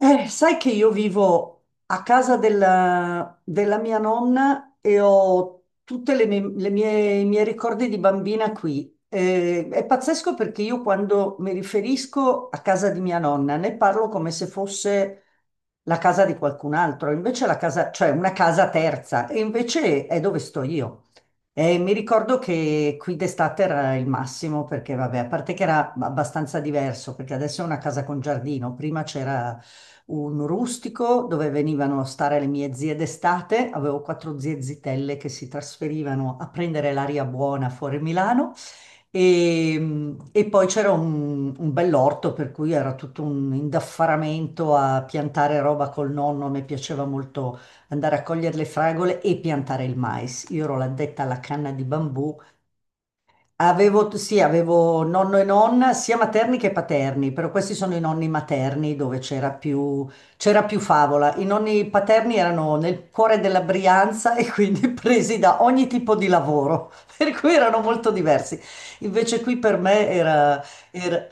Sai che io vivo a casa della mia nonna e ho tutti i miei ricordi di bambina qui. È pazzesco perché io quando mi riferisco a casa di mia nonna ne parlo come se fosse la casa di qualcun altro, invece la casa, cioè una casa terza, e invece è dove sto io. Mi ricordo che qui d'estate era il massimo perché, vabbè, a parte che era abbastanza diverso, perché adesso è una casa con giardino, prima c'era un rustico dove venivano a stare le mie zie d'estate. Avevo quattro zie zitelle che si trasferivano a prendere l'aria buona fuori Milano. E poi c'era un bell'orto per cui era tutto un indaffaramento a piantare roba col nonno. Mi piaceva molto andare a cogliere le fragole e piantare il mais. Io ero l'addetta alla canna di bambù. Avevo, sì, avevo nonno e nonna, sia materni che paterni, però questi sono i nonni materni dove c'era più favola. I nonni paterni erano nel cuore della Brianza e quindi presi da ogni tipo di lavoro, per cui erano molto diversi. Invece qui per me era-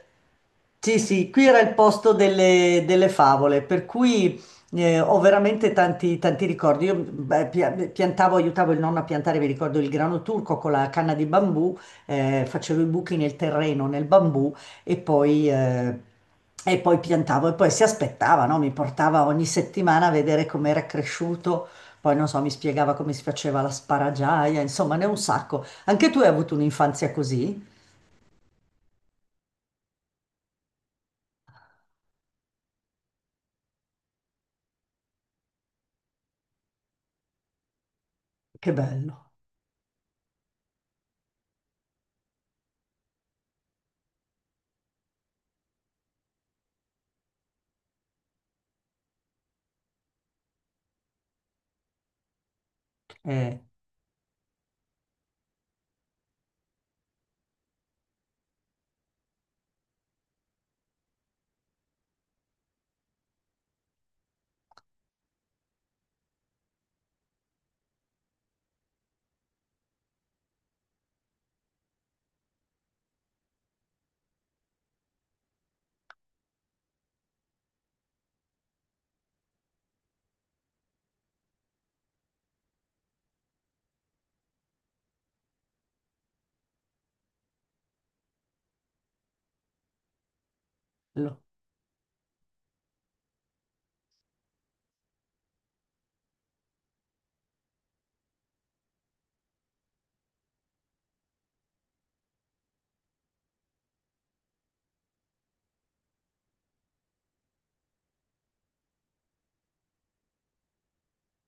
sì, sì, qui era il posto delle favole, per cui ho veramente tanti, tanti ricordi. Io beh, piantavo, aiutavo il nonno a piantare, mi ricordo il grano turco con la canna di bambù. Facevo i buchi nel terreno, nel bambù. E poi, eh, e poi piantavo e poi si aspettava, no? Mi portava ogni settimana a vedere com'era cresciuto, poi non so, mi spiegava come si faceva la sparagiaia, insomma, ne ho un sacco. Anche tu hai avuto un'infanzia così? Che bello. Eh, bello.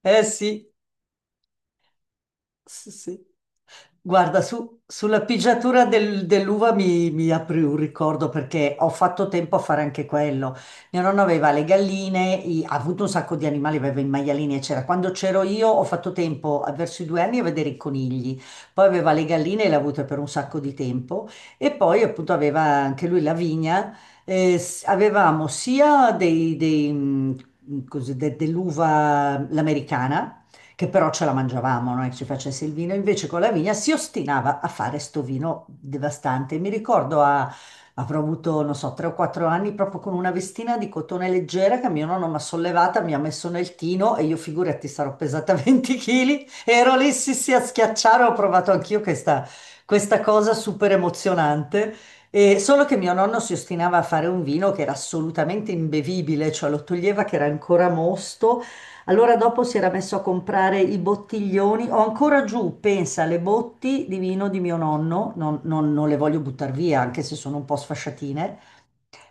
Eh sì, sì, sì. Guarda, sulla pigiatura dell'uva mi apri un ricordo perché ho fatto tempo a fare anche quello. Mio nonno aveva le galline, ha avuto un sacco di animali, aveva i maialini, eccetera. Quando c'ero io ho fatto tempo, verso i 2 anni, a vedere i conigli. Poi aveva le galline e le ha avute per un sacco di tempo. E poi appunto aveva anche lui la vigna. Avevamo sia dei, così, dell'uva l'americana che però ce la mangiavamo, non è che ci facesse il vino. Invece con la vigna si ostinava a fare sto vino devastante. Mi ricordo, avrò avuto, non so, 3 o 4 anni proprio con una vestina di cotone leggera che mio nonno mi ha sollevata, mi ha messo nel tino e io figurati sarò pesata 20 kg. Ero lì, sì, sì, a schiacciare, ho provato anch'io questa cosa super emozionante. E solo che mio nonno si ostinava a fare un vino che era assolutamente imbevibile, cioè lo toglieva che era ancora mosto. Allora dopo si era messo a comprare i bottiglioni, ho ancora giù, pensa, le botti di vino di mio nonno, non le voglio buttare via, anche se sono un po' sfasciatine,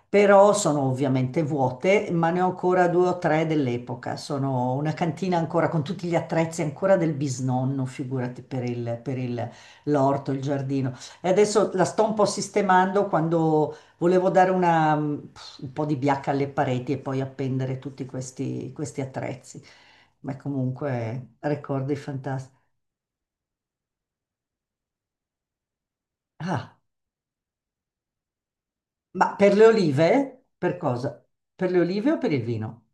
però sono ovviamente vuote, ma ne ho ancora due o tre dell'epoca. Sono una cantina ancora con tutti gli attrezzi ancora del bisnonno, figurati l'orto, il giardino. E adesso la sto un po' sistemando quando volevo dare un po' di biacca alle pareti e poi appendere tutti questi attrezzi. Ma comunque ricordi fantastici. Ah, ma per le olive? Per cosa? Per le olive o per il vino?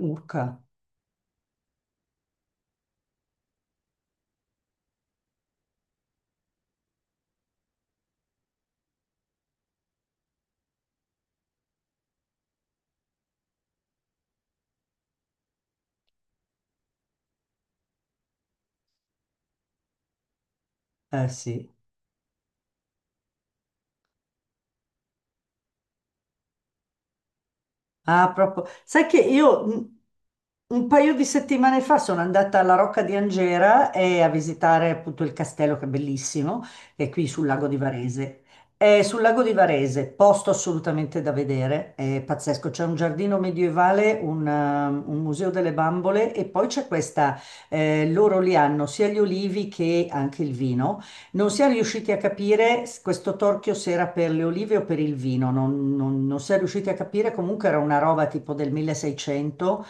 Urca. Eh sì. Ah, proprio. Sai che io un paio di settimane fa sono andata alla Rocca di Angera e a visitare appunto il castello, che è bellissimo, che è qui sul lago di Varese. È sul lago di Varese, posto assolutamente da vedere, è pazzesco. C'è un giardino medievale, un museo delle bambole e poi c'è questa, loro li hanno sia gli olivi che anche il vino. Non si è riusciti a capire questo torchio se era per le olive o per il vino, non si è riusciti a capire, comunque era una roba tipo del 1600,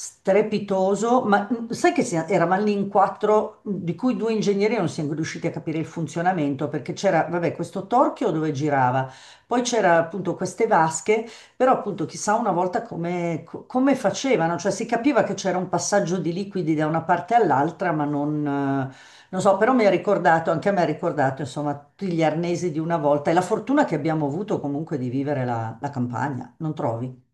strepitoso, ma sai che eravamo lì in quattro, di cui due ingegneri non siamo riusciti a capire il funzionamento, perché c'era, vabbè, questo torchio dove girava, poi c'era appunto queste vasche, però appunto chissà una volta come facevano, cioè si capiva che c'era un passaggio di liquidi da una parte all'altra, ma non. Non so, però mi ha ricordato, anche a me ha ricordato, insomma, tutti gli arnesi di una volta e la fortuna che abbiamo avuto comunque di vivere la campagna, non trovi?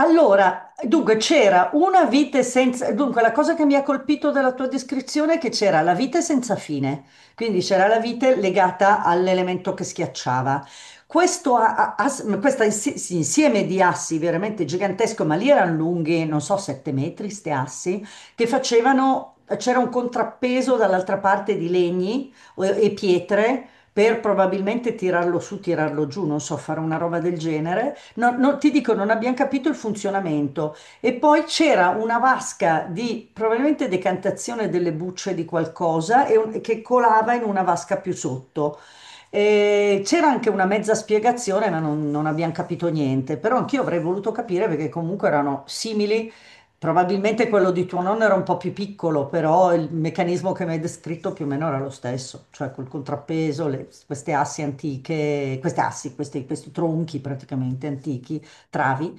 Allora, dunque c'era una vite senza. Dunque, la cosa che mi ha colpito della tua descrizione è che c'era la vite senza fine, quindi c'era la vite legata all'elemento che schiacciava. Questo a- a- as- questa insi- sì, insieme di assi veramente gigantesco, ma lì erano lunghi, non so, 7 metri, ste assi, che facevano. C'era un contrappeso dall'altra parte di legni e pietre per probabilmente tirarlo su, tirarlo giù, non so, fare una roba del genere, ti dico, non abbiamo capito il funzionamento. E poi c'era una vasca di probabilmente decantazione delle bucce di qualcosa che colava in una vasca più sotto. E c'era anche una mezza spiegazione, ma non abbiamo capito niente. Però anch'io avrei voluto capire perché comunque erano simili. Probabilmente quello di tuo nonno era un po' più piccolo, però il meccanismo che mi hai descritto più o meno era lo stesso, cioè col contrappeso, queste assi antiche, queste assi, questi tronchi praticamente antichi, travi.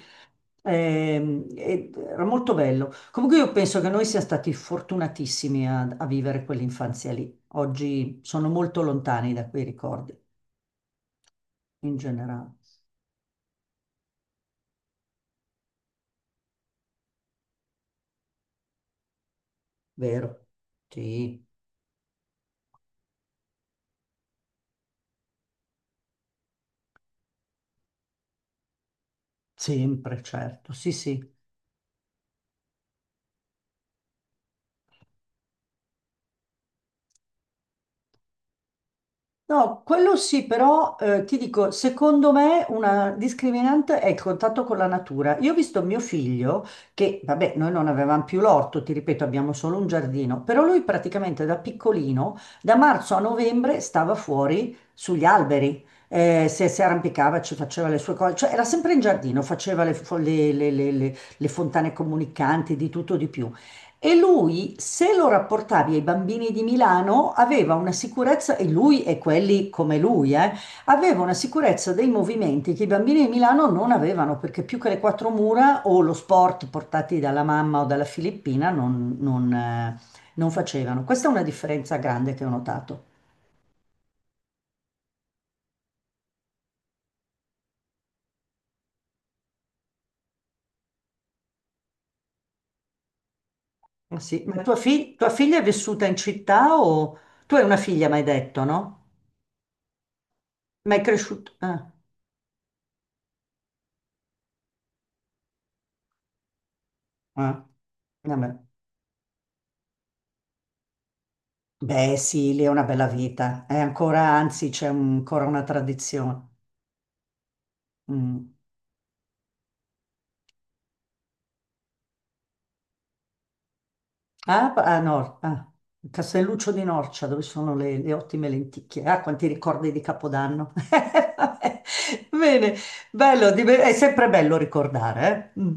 Era molto bello. Comunque io penso che noi siamo stati fortunatissimi a vivere quell'infanzia lì. Oggi sono molto lontani da quei ricordi, in generale. Vero? Sì, sempre, certo. Sì, sì. No, quello sì, però ti dico, secondo me una discriminante è il contatto con la natura. Io ho visto mio figlio che, vabbè, noi non avevamo più l'orto, ti ripeto, abbiamo solo un giardino, però lui praticamente da piccolino, da marzo a novembre, stava fuori sugli alberi, si arrampicava, ci faceva le sue cose, cioè era sempre in giardino, faceva le, fo- le fontane comunicanti, di tutto di più. E lui, se lo rapportavi ai bambini di Milano, aveva una sicurezza, e lui e quelli come lui, aveva una sicurezza dei movimenti che i bambini di Milano non avevano, perché più che le quattro mura o lo sport portati dalla mamma o dalla Filippina non facevano. Questa è una differenza grande che ho notato. Ah, sì. Ma tua figlia è vissuta in città o. Tu hai una figlia, mi hai detto, no? Ma è cresciuta. Ah, ah, vabbè. Beh, sì, lì è una bella vita. È ancora, anzi, c'è ancora una tradizione. Mm. Ah, ah, no, ah, Castelluccio di Norcia, dove sono le ottime lenticchie. Ah, quanti ricordi di Capodanno. Vabbè. Bene, bello, è sempre bello ricordare, eh? Mm.